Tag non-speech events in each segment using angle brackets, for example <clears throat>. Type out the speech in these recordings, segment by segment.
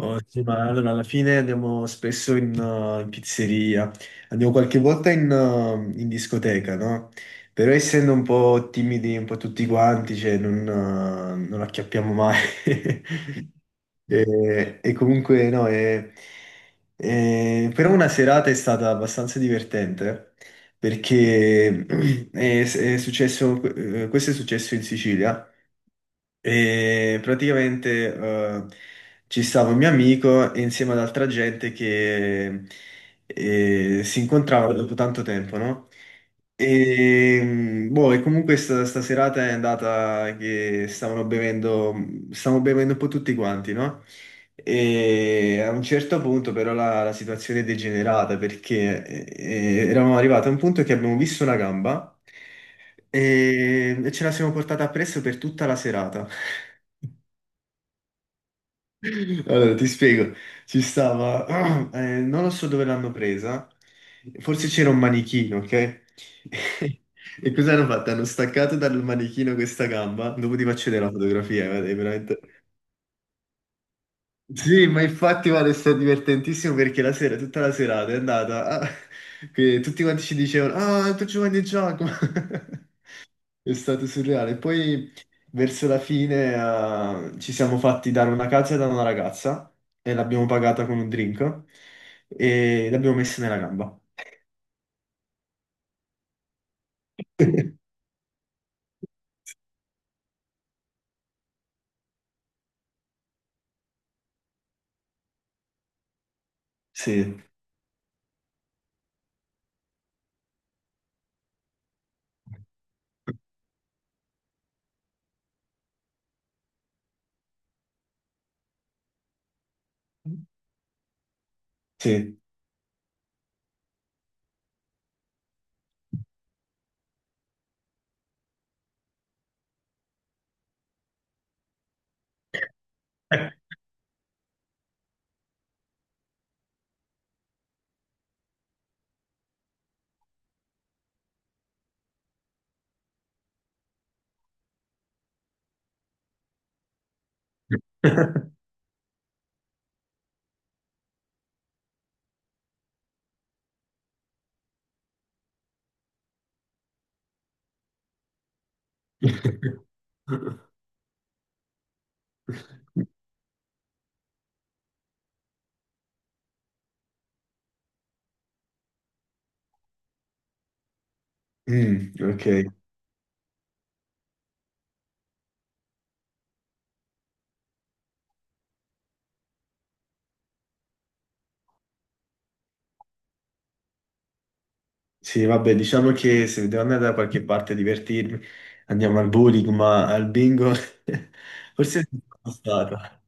Oh, sì, ma allora alla fine andiamo spesso in pizzeria, andiamo qualche volta in discoteca, no? Però essendo un po' timidi, un po' tutti quanti, cioè non acchiappiamo mai. <laughs> E comunque no, però una serata è stata abbastanza divertente perché <clears throat> è successo, questo è successo in Sicilia. E praticamente ci stava un mio amico e insieme ad altra gente che si incontrava dopo tanto tempo, no? E comunque sta serata è andata che stavano bevendo un po' tutti quanti, no? E a un certo punto però la situazione è degenerata perché eravamo arrivati a un punto che abbiamo visto una gamba. E ce la siamo portata appresso per tutta la serata. <laughs> Allora, ti spiego, ci stava, <clears throat> non lo so dove l'hanno presa, forse c'era un manichino, ok? <laughs> E cosa hanno fatto? Hanno staccato dal manichino questa gamba, dopo ti faccio vedere la fotografia, guarda, è veramente... Sì, ma infatti guarda, è stato divertentissimo perché la sera, tutta la serata è andata, ah, <laughs> che tutti quanti ci dicevano, ah, tu Giovanni e Giacomo. <laughs> È stato surreale. Poi verso la fine ci siamo fatti dare una cazza da una ragazza e l'abbiamo pagata con un drink e l'abbiamo messa nella gamba. <laughs> Sì, sì. <laughs> Mm, ok. Sì, vabbè, diciamo che se devo andare da qualche parte a divertirmi, andiamo al bowling, ma al bingo <laughs> forse non sono stato.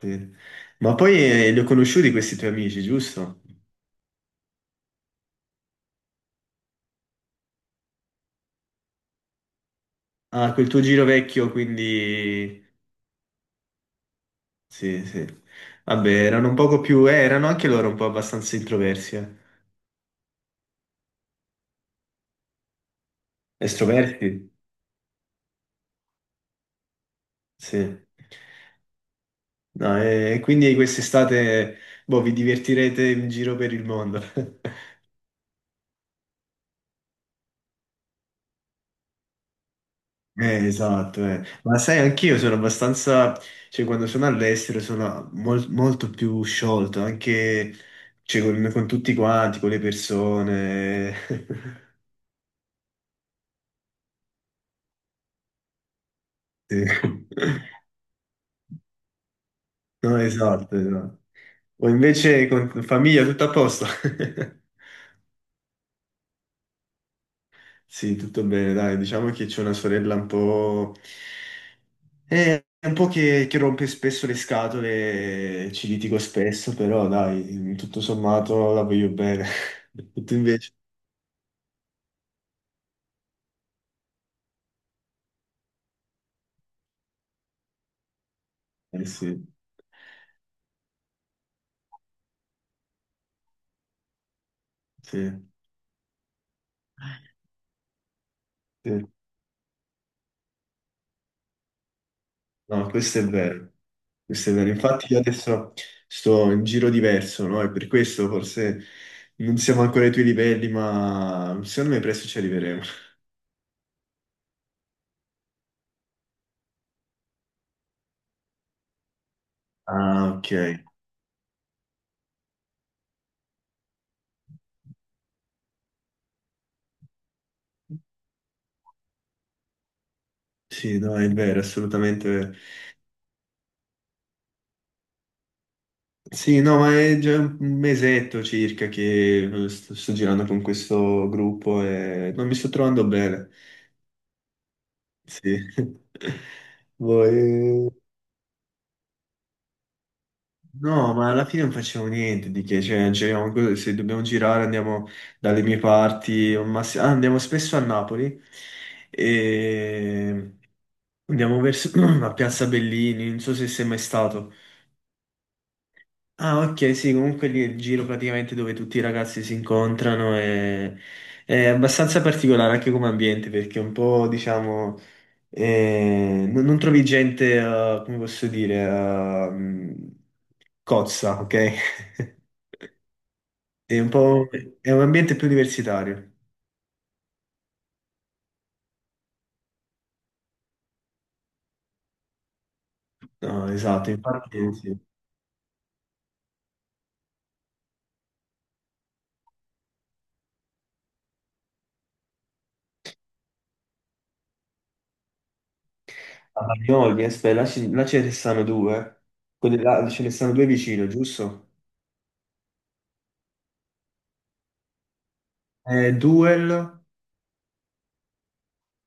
Sì. Ma poi li ho conosciuti questi tuoi amici, giusto? Ah, quel tuo giro vecchio, quindi... Sì, sì. Vabbè, erano un poco più... erano anche loro un po' abbastanza introversi. Eh. Estroversi? Sì. No, e quindi quest'estate, boh, vi divertirete in giro per il mondo. <laughs> Esatto, eh. Ma sai, anch'io sono abbastanza, cioè quando sono all'estero sono molto più sciolto, anche cioè, con tutti quanti, con le persone. <laughs> Sì. No, esatto, esatto. O invece con famiglia tutto a posto. <laughs> Sì, tutto bene, dai, diciamo che c'è una sorella un po' che rompe spesso le scatole, ci litigo spesso, però dai, tutto sommato la voglio bene. <laughs> Tutto invece. Eh sì, sì, sì. No, questo è vero, questo è vero. Infatti io adesso sto in giro diverso, no? E per questo forse non siamo ancora ai tuoi livelli, ma secondo me presto ci arriveremo. Ah, ok. Sì, no, è vero, assolutamente vero. Sì, no, ma è già un mesetto circa che sto girando con questo gruppo e non mi sto trovando bene. Sì. <laughs> Voi... No, ma alla fine non facevo niente di che, cioè, giriamo se dobbiamo girare andiamo dalle mie parti, o andiamo spesso a Napoli e andiamo verso <clears throat> a Piazza Bellini, non so se sei mai stato. Ah, ok, sì, comunque lì è il giro praticamente dove tutti i ragazzi si incontrano e è abbastanza particolare anche come ambiente perché è un po', diciamo, non trovi gente, come posso dire, cozza, ok? <laughs> È un po', è un ambiente più universitario. No, esatto, infatti sì. A Bagnoli, aspetta, là, là ce ne stanno due. Quelli là ce ne stanno due vicino, giusto? Duel.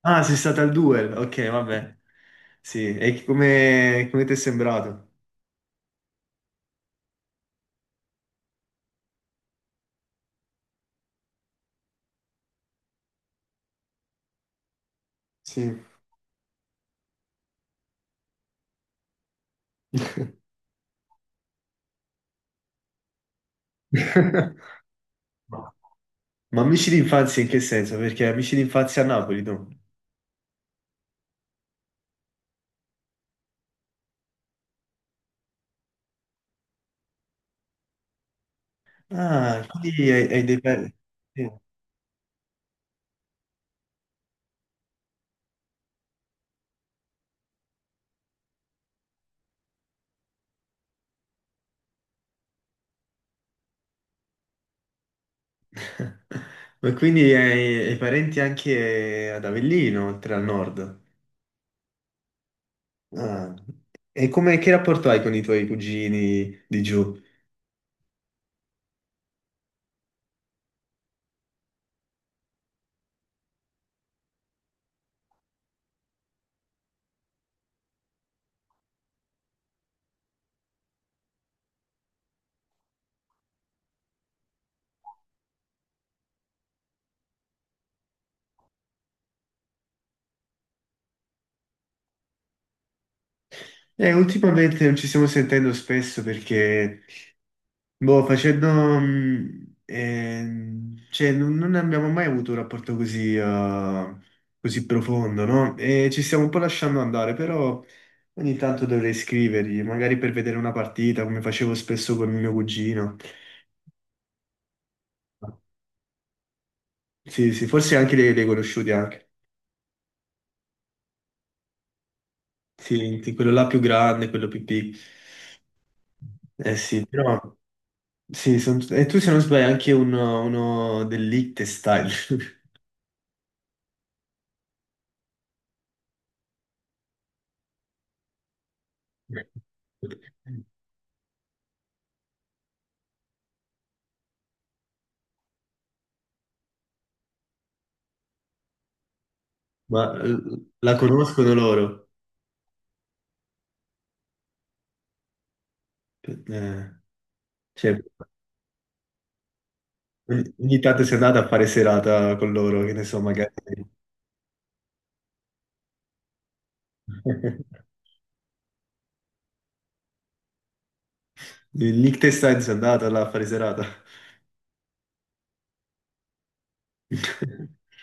Ah, sei stata al Duel, ok, vabbè. Sì, e come, come ti è sembrato? Sì. <laughs> Ma ma amici d'infanzia in che senso? Perché amici d'infanzia a Napoli, tu? Ah, quindi hai, hai dei... pe- Sì. <laughs> Ma quindi hai, hai parenti anche ad Avellino, oltre al nord. Ah. E come, che rapporto hai con i tuoi cugini di giù? Ultimamente non ci stiamo sentendo spesso perché, boh, facendo... cioè, non abbiamo mai avuto un rapporto così, così profondo, no? E ci stiamo un po' lasciando andare, però ogni tanto dovrei scrivergli, magari per vedere una partita, come facevo spesso con mio cugino. Sì, sì, forse anche li, li hai conosciuti anche. Sì, sì, quello là più grande, quello più piccolo. Eh sì, però sì, e tu se non sbaglio è anche uno, uno del Liechtenstein. <laughs> Ma la conoscono loro. Eh, cioè, ogni tanto sei andata a fare serata con loro, che ne so, magari. <laughs> Il Liechtenstein sei andata là a fare serata. <laughs>